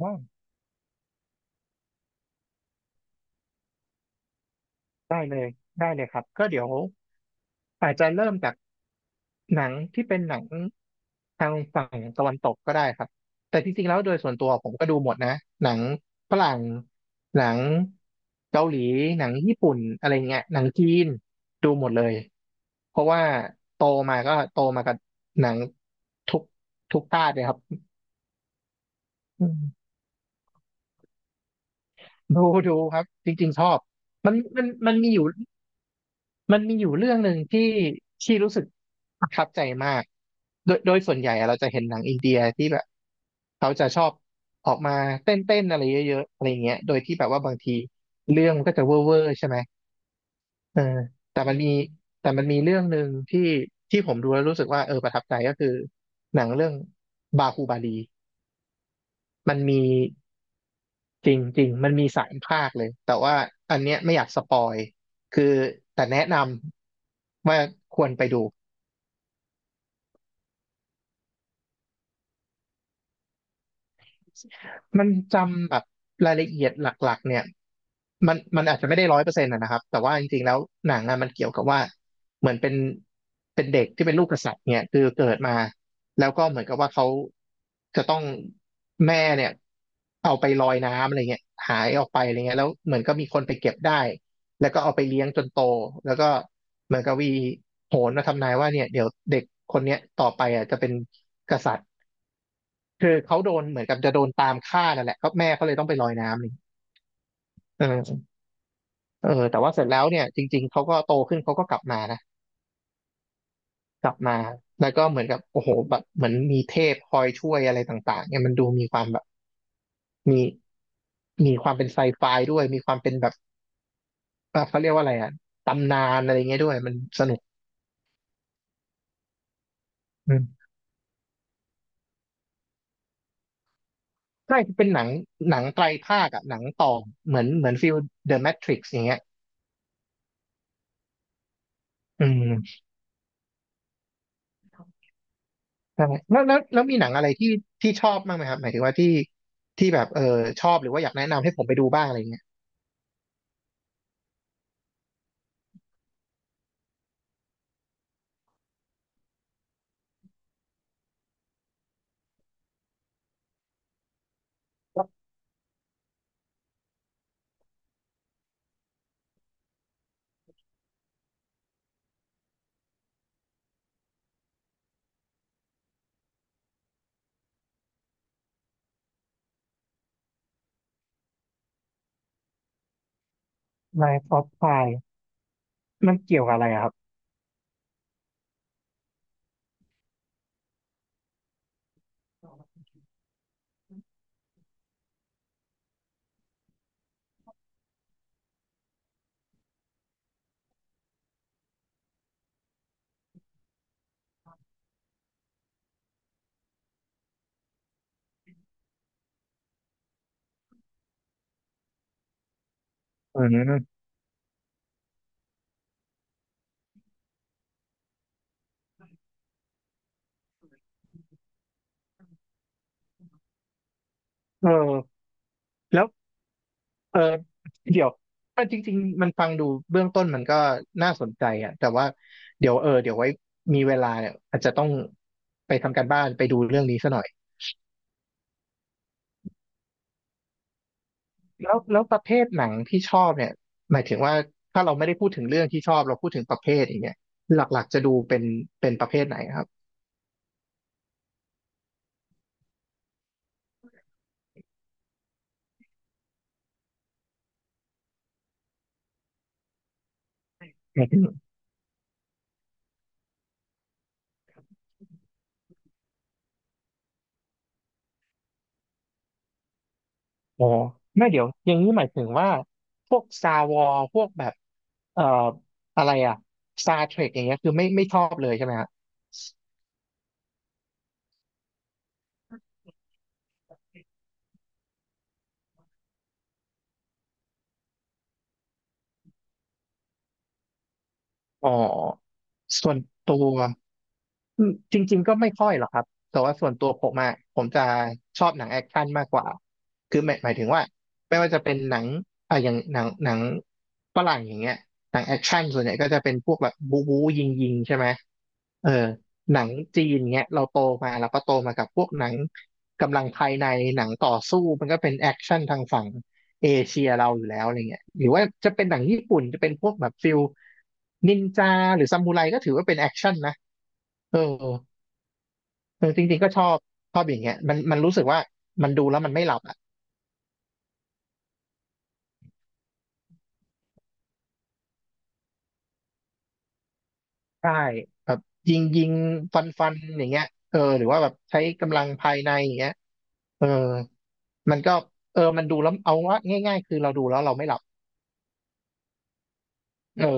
อ๋อได้เลยได้เลยครับก็เดี๋ยวอาจจะเริ่มจากหนังที่เป็นหนังทางฝั่งตะวันตกก็ได้ครับแต่จริงๆแล้วโดยส่วนตัวผมก็ดูหมดนะหนังฝรั่งหนังเกาหลีหนังญี่ปุ่นอะไรเงี้ยหนังจีนดูหมดเลยเพราะว่าโตมาก็โตมากับหนังทุกทุกชาติเลยครับอืมดูดูครับจริงๆชอบมันมันมันมีอยู่ มันมีอยู่เรื่องหนึ่งที่ที่รู้สึกประทับใจมากโดยส่วนใหญ่อะเราจะเห็นหนังอินเดียที่แบบเขาจะชอบออกมาเต้นเต้นอะไรเยอะๆอะไรเงี้ยโดยที่แบบว่าบางทีเรื่องมันก็จะเวอร์เวอร์ใช่ไหมเออแต่มันมีแต่มันมีเรื่องหนึ่งที่ที่ผมดูแล้วรู้สึกว่าเออประทับใจก็คือหนังเรื่องบาฮูบาลีมันมีจริงจริงมันมี3 ภาคเลยแต่ว่าอันเนี้ยไม่อยากสปอยคือแต่แนะนำว่าควรไปดู มันจำแบบรายละเอียดหลักๆเนี่ยมันอาจจะไม่ได้100%นะครับแต่ว่าจริงๆแล้วหนังอะมันเกี่ยวกับว่าเหมือนเป็นเด็กที่เป็นลูกกษัตริย์เนี่ยคือเกิดมาแล้วก็เหมือนกับว่าเขาจะต้องแม่เนี่ยเอาไปลอยน้ำอะไรเงี้ยหายออกไปอะไรเงี้ยแล้วเหมือนก็มีคนไปเก็บได้แล้วก็เอาไปเลี้ยงจนโตแล้วก็เหมือนกับวีโหนมาทำนายว่าเนี่ยเดี๋ยวเด็กคนเนี้ยต่อไปอ่ะจะเป็นกษัตริย์ คือเขาโดนเหมือนกับจะโดนตามฆ่านั่นแหละก็แม่เขาเลยต้องไปลอยน้ำนี่เออเออแต่ว่าเสร็จแล้วเนี่ยจริงๆเขาก็โตขึ้นเขาก็กลับมานะกลับมาแล้วก็เหมือนกับโอ้โหแบบเหมือนมีเทพคอยช่วยอะไรต่างๆเนี่ยมันดูมีความแบบมีมีความเป็นไซไฟด้วยมีความเป็นแบบเขาเรียกว่าอะไรอะตำนานอะไรเงี้ยด้วยมันสนุกอืมใช่เป็นหนังไตรภาคอะหนังต่อเหมือนฟิลเดอะแมทริกซ์อย่างเงี้ยอืม ใช่แล้วมีหนังอะไรที่ชอบบ้างไหมครับหมายถึงว่าที่แบบเออชอบหรือว่าอยากแนะนำให้ผมไปดูบ้างอะไรอย่างเงี้ย Life of Pi มันเกี่ยวกับอะไรอะครับอืมเออแล้วเออเดี๋ยวอ่ะจริงๆมันฟังดูเบื้องต้นมันก็น่าสนใจอ่ะแต่ว่าเดี๋ยวเออเดี๋ยวไว้มีเวลาเนี่ยอาจจะต้องไปทำการบ้านไปดูเรื่องนี้ซะหน่อยแล้วประเภทหนังที่ชอบเนี่ยหมายถึงว่าถ้าเราไม่ได้พูดถึงเรื่องที่ชอบเราพูดถึงประเภทอย่างเงี้ยหลักๆจะดูเป็นประเภทไหนครับ หมายถึงอ๋อไม่เดี๋ยวอย่างนี้หมายถึงว่าพวกซาวอพวกแบบเอ่ออะไรอะซาเทร k อย่างเงี้ยคือไม่ชอบเลยใช่ไหมฮะอ๋อส่วนตัว อืมจริงๆก็ไม่ค่อยหรอกครับแต่ว่าส่วนตัวผมอะผมจะชอบหนังแอคชั่นมากกว่าคือหมายถึงว่าไม่ว่าจะเป็นหนังอ่ะอย่างหนังฝรั่งอย่างเงี้ยหนังแอคชั่นส่วนใหญ่ก็จะเป็นพวกแบบบู๊บู๊ยิงยิงใช่ไหมเออหนังจีนเงี้ยเราโตมาเราก็โตมากับพวกหนังกำลังภายในหนังต่อสู้มันก็เป็นแอคชั่นทางฝั่งเอเชียเราอยู่แล้วอะไรเงี้ยหรือว่าจะเป็นหนังญี่ปุ่นจะเป็นพวกแบบฟิลนินจาหรือซามูไรก็ถือว่าเป็นแอคชั่นนะเออ เออจริงๆก็ชอบอย่างเงี้ยมันรู้สึกว่ามันดูแล้วมันไม่หลับอ่ะใช่แบบยิงยิงฟันฟันอย่างเงี้ยเออหรือว่าแบบใช้กำลังภายในอย่างเงี้ยเออมันก็เออมันดูแล้วเอาว่าง่ายๆคือเราดูแล้วเราไม่หลับเออ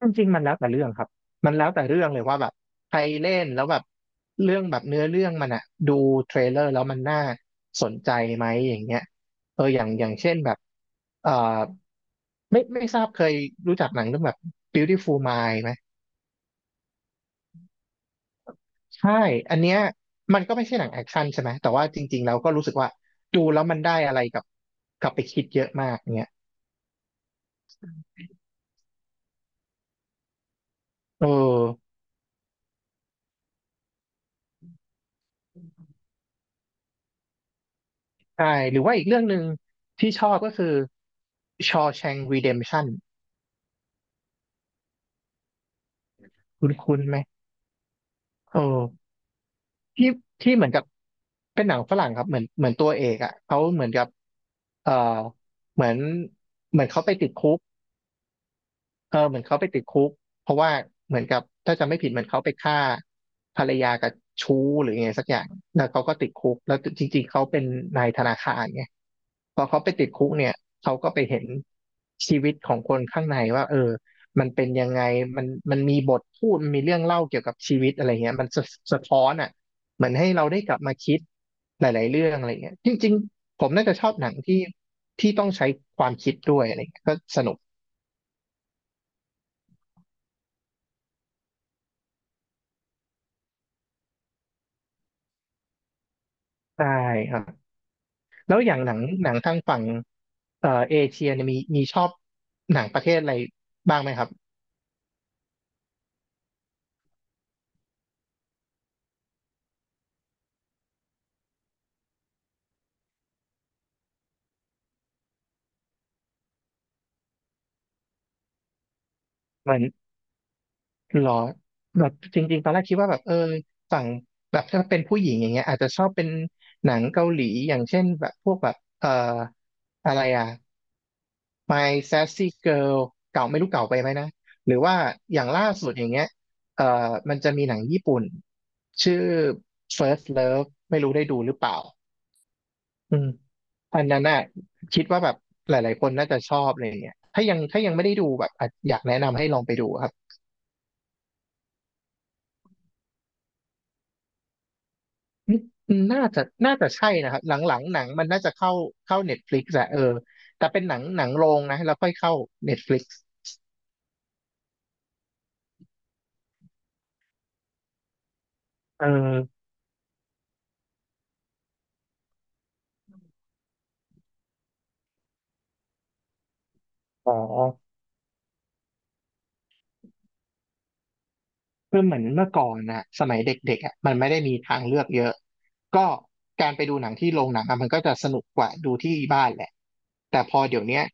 จริงๆมันแล้วแต่เรื่องครับมันแล้วแต่เรื่องเลยว่าแบบใครเล่นแล้วแบบเรื่องแบบเนื้อเรื่องมันอะดูเทรลเลอร์แล้วมันน่าสนใจไหมอย่างเงี้ยเอออย่างเช่นแบบเอ่อ ไม่ทราบเคยรู้จักหนังเรื่องแบบ Beautiful Mind ไหมใช่อันเนี้ยมันก็ไม่ใช่หนังแอคชั่นใช่ไหมแต่ว่าจริงๆเราก็รู้สึกว่าดูแล้วมันได้อะไรกับกลับไปคิดเยอะมากเนี้ยเออใช่หรือว่าอีกเรื่องหนึ่งที่ชอบก็คือ Shawshank Redemption คุ้นคุ้นไหมเออที่ที่เหมือนกับเป็นหนังฝรั่งครับเหมือนตัวเอกอ่ะเขาเหมือนกับเออเหมือนเขาไปติดคุก เออเหมือนเขาไปติดคุกเพราะว่าเหมือนกับถ้าจำไม่ผิดเหมือนเขาไปฆ่าภรรยากับชู้หรือไงสักอย่างแล้วเขาก็ติดคุกแล้วจริงๆเขาเป็นนายธนาคารไงพอเขาไปติดคุกเนี่ยเขาก็ไปเห็นชีวิตของคนข้างในว่าเออมันเป็นยังไงมันมันมีบทพูดมันมีเรื่องเล่าเกี่ยวกับชีวิตอะไรเงี้ยมันสะท้อนอ่ะเหมือนให้เราได้กลับมาคิดหลายๆเรื่องอะไรเงี้ยจริงๆผมน่าจะชอบหนังที่ต้องใช้ความคิดด้วยอะไรเงี้ยก็สนุกใช่ครับ แล้วอย่างหนังทางฝั่งเอเชียเนี่ยมีชอบหนังประเทศอะไรบ้างไหมครับเหมือนหรอแบบจริงๆตอนแรกคิดว่าแบบเออฝั่งแบบถ้าเป็นผู้หญิงอย่างเงี้ยอาจจะชอบเป็นหนังเกาหลีอย่างเช่นแบบพวกแบบอะไรอ่ะ My Sassy Girl เก่าไม่รู้เก่าไปไหมนะหรือว่าอย่างล่าสุดอย่างเงี้ยเอ่อมันจะมีหนังญี่ปุ่นชื่อ First Love ไม่รู้ได้ดูหรือเปล่า อืมอันนั้นน่ะคิดว่าแบบหลายๆ คนน่าจะชอบอะไรอย่างเงี้ยถ้ายังไม่ได้ดูแบบอ่ะอยากแนะนำให้ลองไปดูครับอืมน่าจะใช่นะครับหลังๆหนังมันน่าจะเข้าเน็ตฟลิกซ์อะเออแต่เป็นหนังโรงนะแล้วค่อยเข้าเน็ตฟลิกซ์เอออ๋อคือเหมือนเมื่อก่อนนะสมัยเด็กๆอะมันไม่ได้มีทางเลือกเยอะก็การไปดูหนังที่โรงหนังอะมันก็จะสนุกกว่าดูที่บ้านแหละแต่พอเดี๋ยวเนี้ย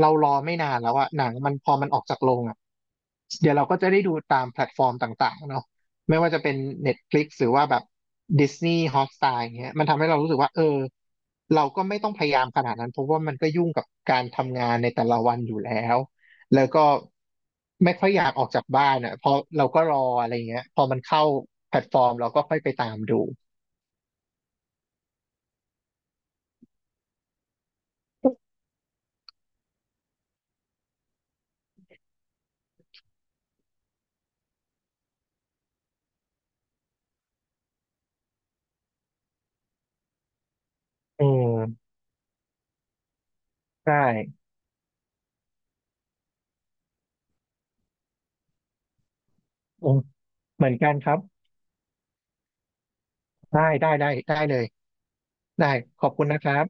เรารอไม่นานแล้วอะหนังมันพอมันออกจากโรงอะเดี๋ยวเราก็จะได้ดูตามแพลตฟอร์มต่างๆเนาะไม่ว่าจะเป็น Netflix หรือว่าแบบ Disney Hotstar อย่างเงี้ยมันทำให้เรารู้สึกว่าเออเราก็ไม่ต้องพยายามขนาดนั้นเพราะว่ามันก็ยุ่งกับการทำงานในแต่ละวันอยู่แล้วแล้วก็ไม่ค่อยอยากออกจากบ้านอะเพอเราก็รออะไรเงี้ยพอมันเข้าแพลตฟอร์มเราก็ค่อยไปตามดูเออใช่อืมเหมือนกันครับได้ได้เลยได้ขอบคุณนะครับ